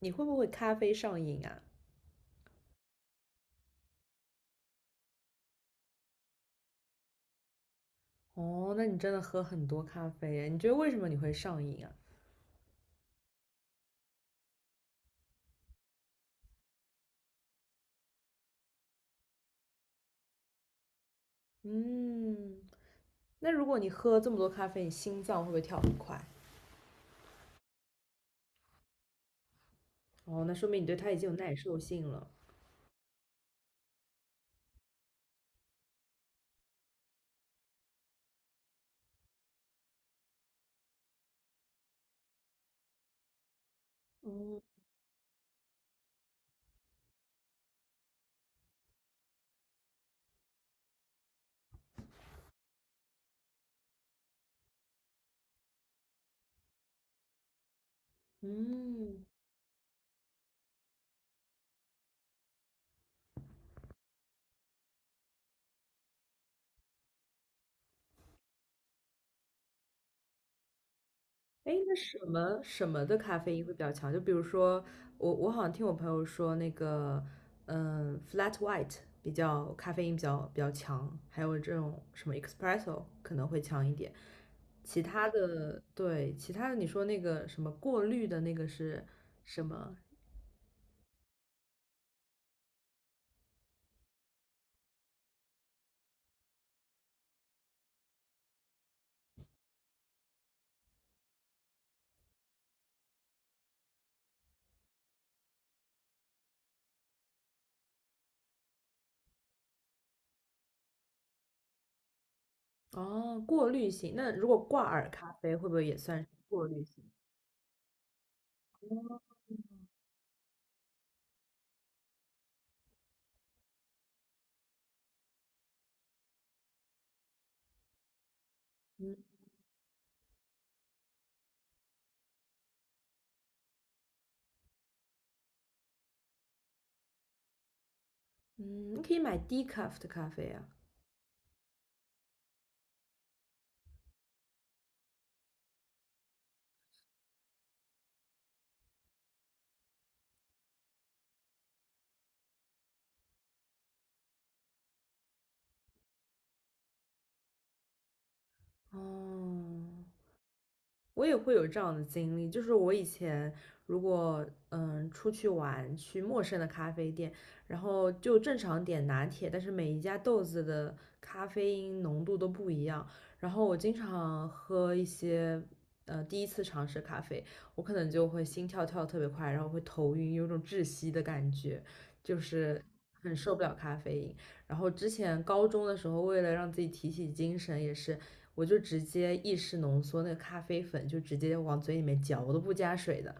你会不会咖啡上瘾啊？哦，那你真的喝很多咖啡耶？你觉得为什么你会上瘾啊？嗯，那如果你喝这么多咖啡，你心脏会不会跳很快？哦，那说明你对它已经有耐受性了。哦，嗯，哎，那什么什么的咖啡因会比较强？就比如说，我好像听我朋友说，那个，flat white 比较咖啡因比较强，还有这种什么 espresso 可能会强一点。其他的，对，其他的你说那个什么过滤的那个是什么？哦，过滤型。那如果挂耳咖啡会不会也算是过滤型？哦嗯嗯，你可以买低 ECAF 的咖啡啊。哦，我也会有这样的经历，就是我以前如果出去玩，去陌生的咖啡店，然后就正常点拿铁，但是每一家豆子的咖啡因浓度都不一样，然后我经常喝一些第一次尝试咖啡，我可能就会心跳跳得特别快，然后会头晕，有种窒息的感觉，就是很受不了咖啡因。然后之前高中的时候，为了让自己提起精神，也是。我就直接意式浓缩那个咖啡粉，就直接往嘴里面嚼，我都不加水的。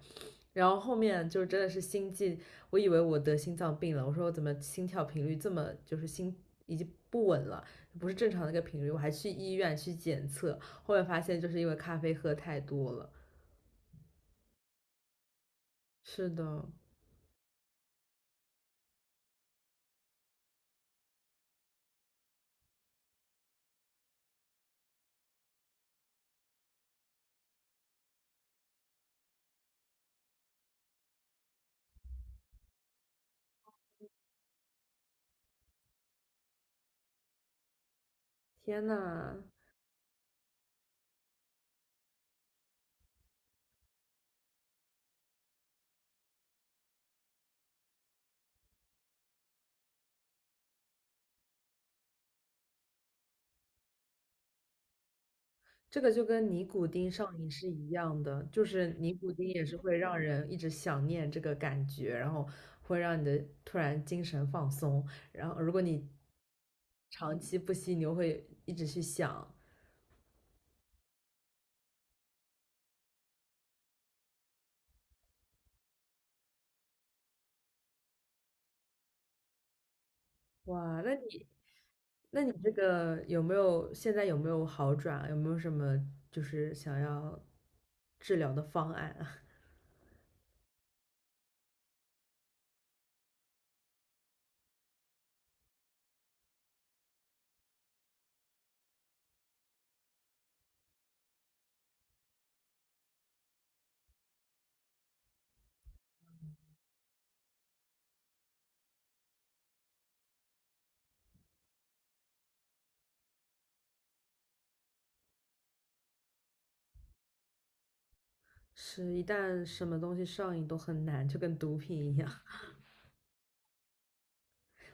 然后后面就真的是心悸，我以为我得心脏病了，我说我怎么心跳频率这么就是心已经不稳了，不是正常的一个频率，我还去医院去检测，后面发现就是因为咖啡喝太多了。是的，天呐，这个就跟尼古丁上瘾是一样的，就是尼古丁也是会让人一直想念这个感觉，然后会让你的突然精神放松，然后如果你长期不吸，你又会一直去想，哇，那你这个有没有现在有没有好转？有没有什么就是想要治疗的方案啊？是一旦什么东西上瘾都很难，就跟毒品一样。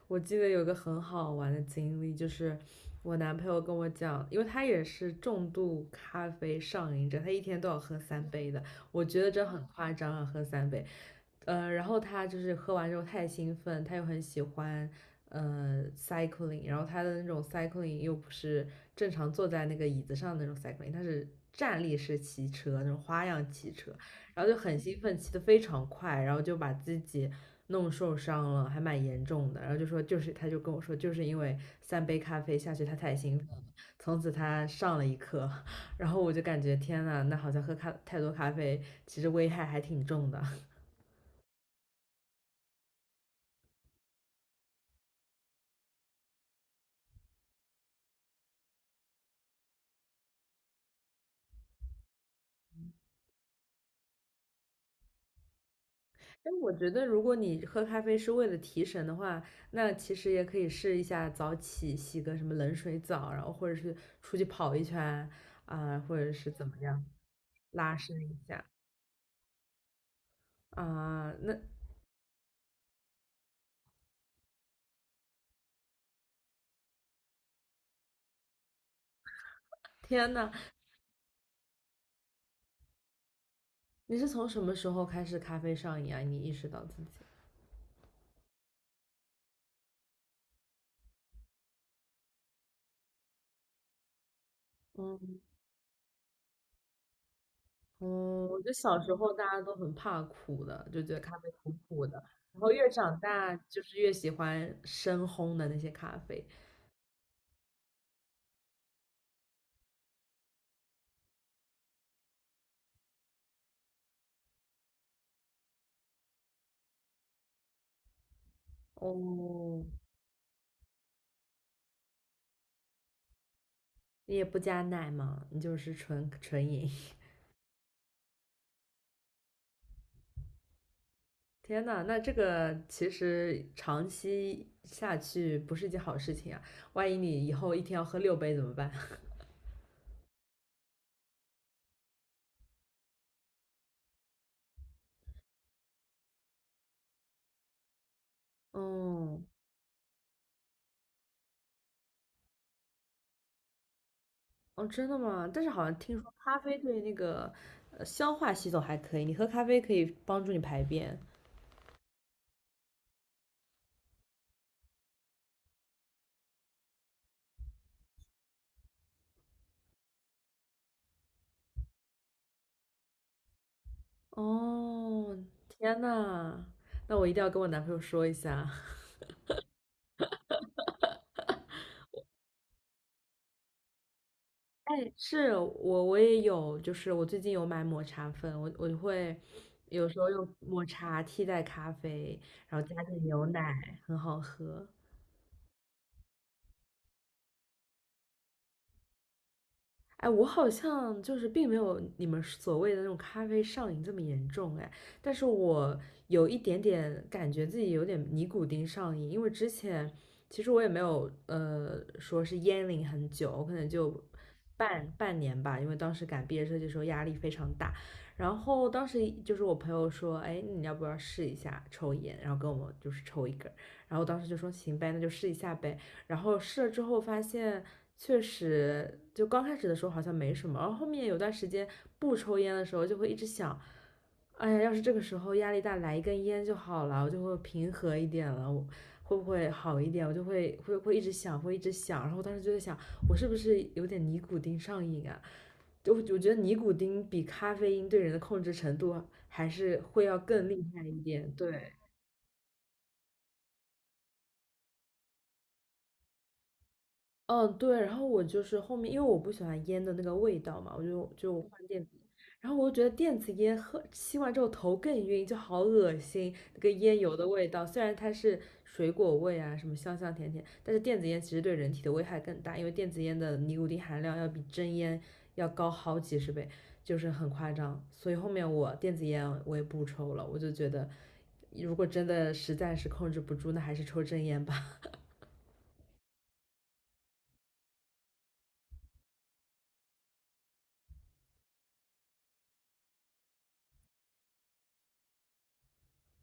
我记得有个很好玩的经历，就是我男朋友跟我讲，因为他也是重度咖啡上瘾者，他一天都要喝三杯的。我觉得这很夸张啊，喝三杯。然后他就是喝完之后太兴奋，他又很喜欢cycling，然后他的那种 cycling 又不是正常坐在那个椅子上的那种 cycling，他是站立式骑车那种花样骑车，然后就很兴奋，骑得非常快，然后就把自己弄受伤了，还蛮严重的。然后就说就是，他就跟我说，就是因为三杯咖啡下去，他太兴奋了，从此他上了一课。然后我就感觉天呐，那好像喝太多咖啡，其实危害还挺重的。但我觉得，如果你喝咖啡是为了提神的话，那其实也可以试一下早起，洗个什么冷水澡，然后或者是出去跑一圈啊、或者是怎么样拉伸一下啊、那天呐，你是从什么时候开始咖啡上瘾啊？你意识到自己？嗯嗯，我觉得小时候大家都很怕苦的，就觉得咖啡苦苦的，然后越长大就是越喜欢深烘的那些咖啡。哦，你也不加奶嘛，你就是纯纯饮。天呐，那这个其实长期下去不是一件好事情啊！万一你以后一天要喝6杯怎么办？哦哦，真的吗？但是好像听说咖啡对那个消化系统还可以，你喝咖啡可以帮助你排便。哦，天呐，那我一定要跟我男朋友说一下。哎，是我也有，就是我最近有买抹茶粉，我会有时候用抹茶替代咖啡，然后加点牛奶，很好喝。哎，我好像就是并没有你们所谓的那种咖啡上瘾这么严重哎，但是我有一点点感觉自己有点尼古丁上瘾，因为之前其实我也没有说是烟龄很久，我可能就半年吧，因为当时赶毕业设计的时候压力非常大，然后当时就是我朋友说，哎，你要不要试一下抽烟，然后跟我们就是抽一根儿，然后我当时就说行呗，那就试一下呗，然后试了之后发现，确实就刚开始的时候好像没什么，然后后面有段时间不抽烟的时候，就会一直想，哎呀，要是这个时候压力大来一根烟就好了，我就会平和一点了，我会不会好一点？我就会一直想，会一直想，然后我当时就在想，我是不是有点尼古丁上瘾啊？就我觉得尼古丁比咖啡因对人的控制程度还是会要更厉害一点，对。嗯，对，然后我就是后面，因为我不喜欢烟的那个味道嘛，我就换电子烟，然后我就觉得电子烟吸完之后头更晕，就好恶心，那个烟油的味道。虽然它是水果味啊，什么香香甜甜，但是电子烟其实对人体的危害更大，因为电子烟的尼古丁含量要比真烟要高好几十倍，就是很夸张。所以后面我电子烟我也不抽了，我就觉得如果真的实在是控制不住，那还是抽真烟吧。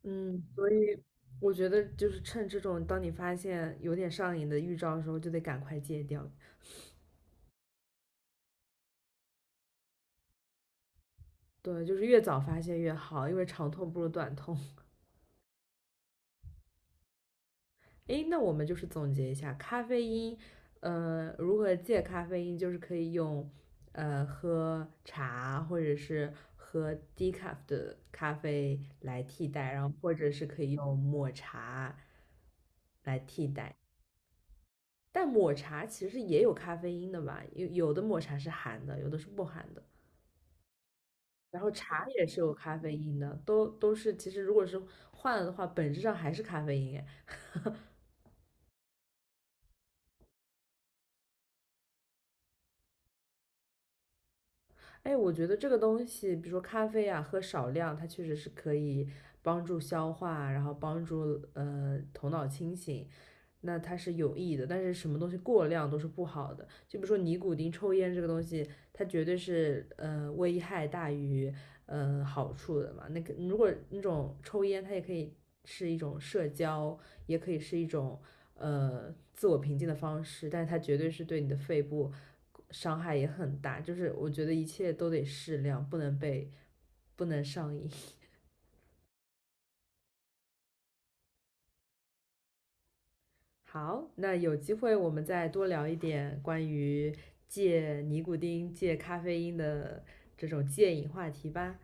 嗯，所以我觉得就是趁这种，当你发现有点上瘾的预兆的时候，就得赶快戒掉。对，就是越早发现越好，因为长痛不如短痛。诶，那我们就是总结一下，咖啡因，如何戒咖啡因，就是可以用，喝茶或者是喝低 e 的咖啡来替代，然后或者是可以用抹茶来替代。但抹茶其实也有咖啡因的吧，有的抹茶是含的，有的是不含的。然后茶也是有咖啡因的，都是其实如果是换了的话，本质上还是咖啡因。哎，哎，我觉得这个东西，比如说咖啡啊，喝少量，它确实是可以帮助消化，然后帮助头脑清醒，那它是有益的。但是什么东西过量都是不好的，就比如说尼古丁、抽烟这个东西，它绝对是危害大于好处的嘛。那个如果那种抽烟，它也可以是一种社交，也可以是一种自我平静的方式，但是它绝对是对你的肺部伤害也很大。就是我觉得一切都得适量，不能上瘾。好，那有机会我们再多聊一点关于戒尼古丁、戒咖啡因的这种戒瘾话题吧。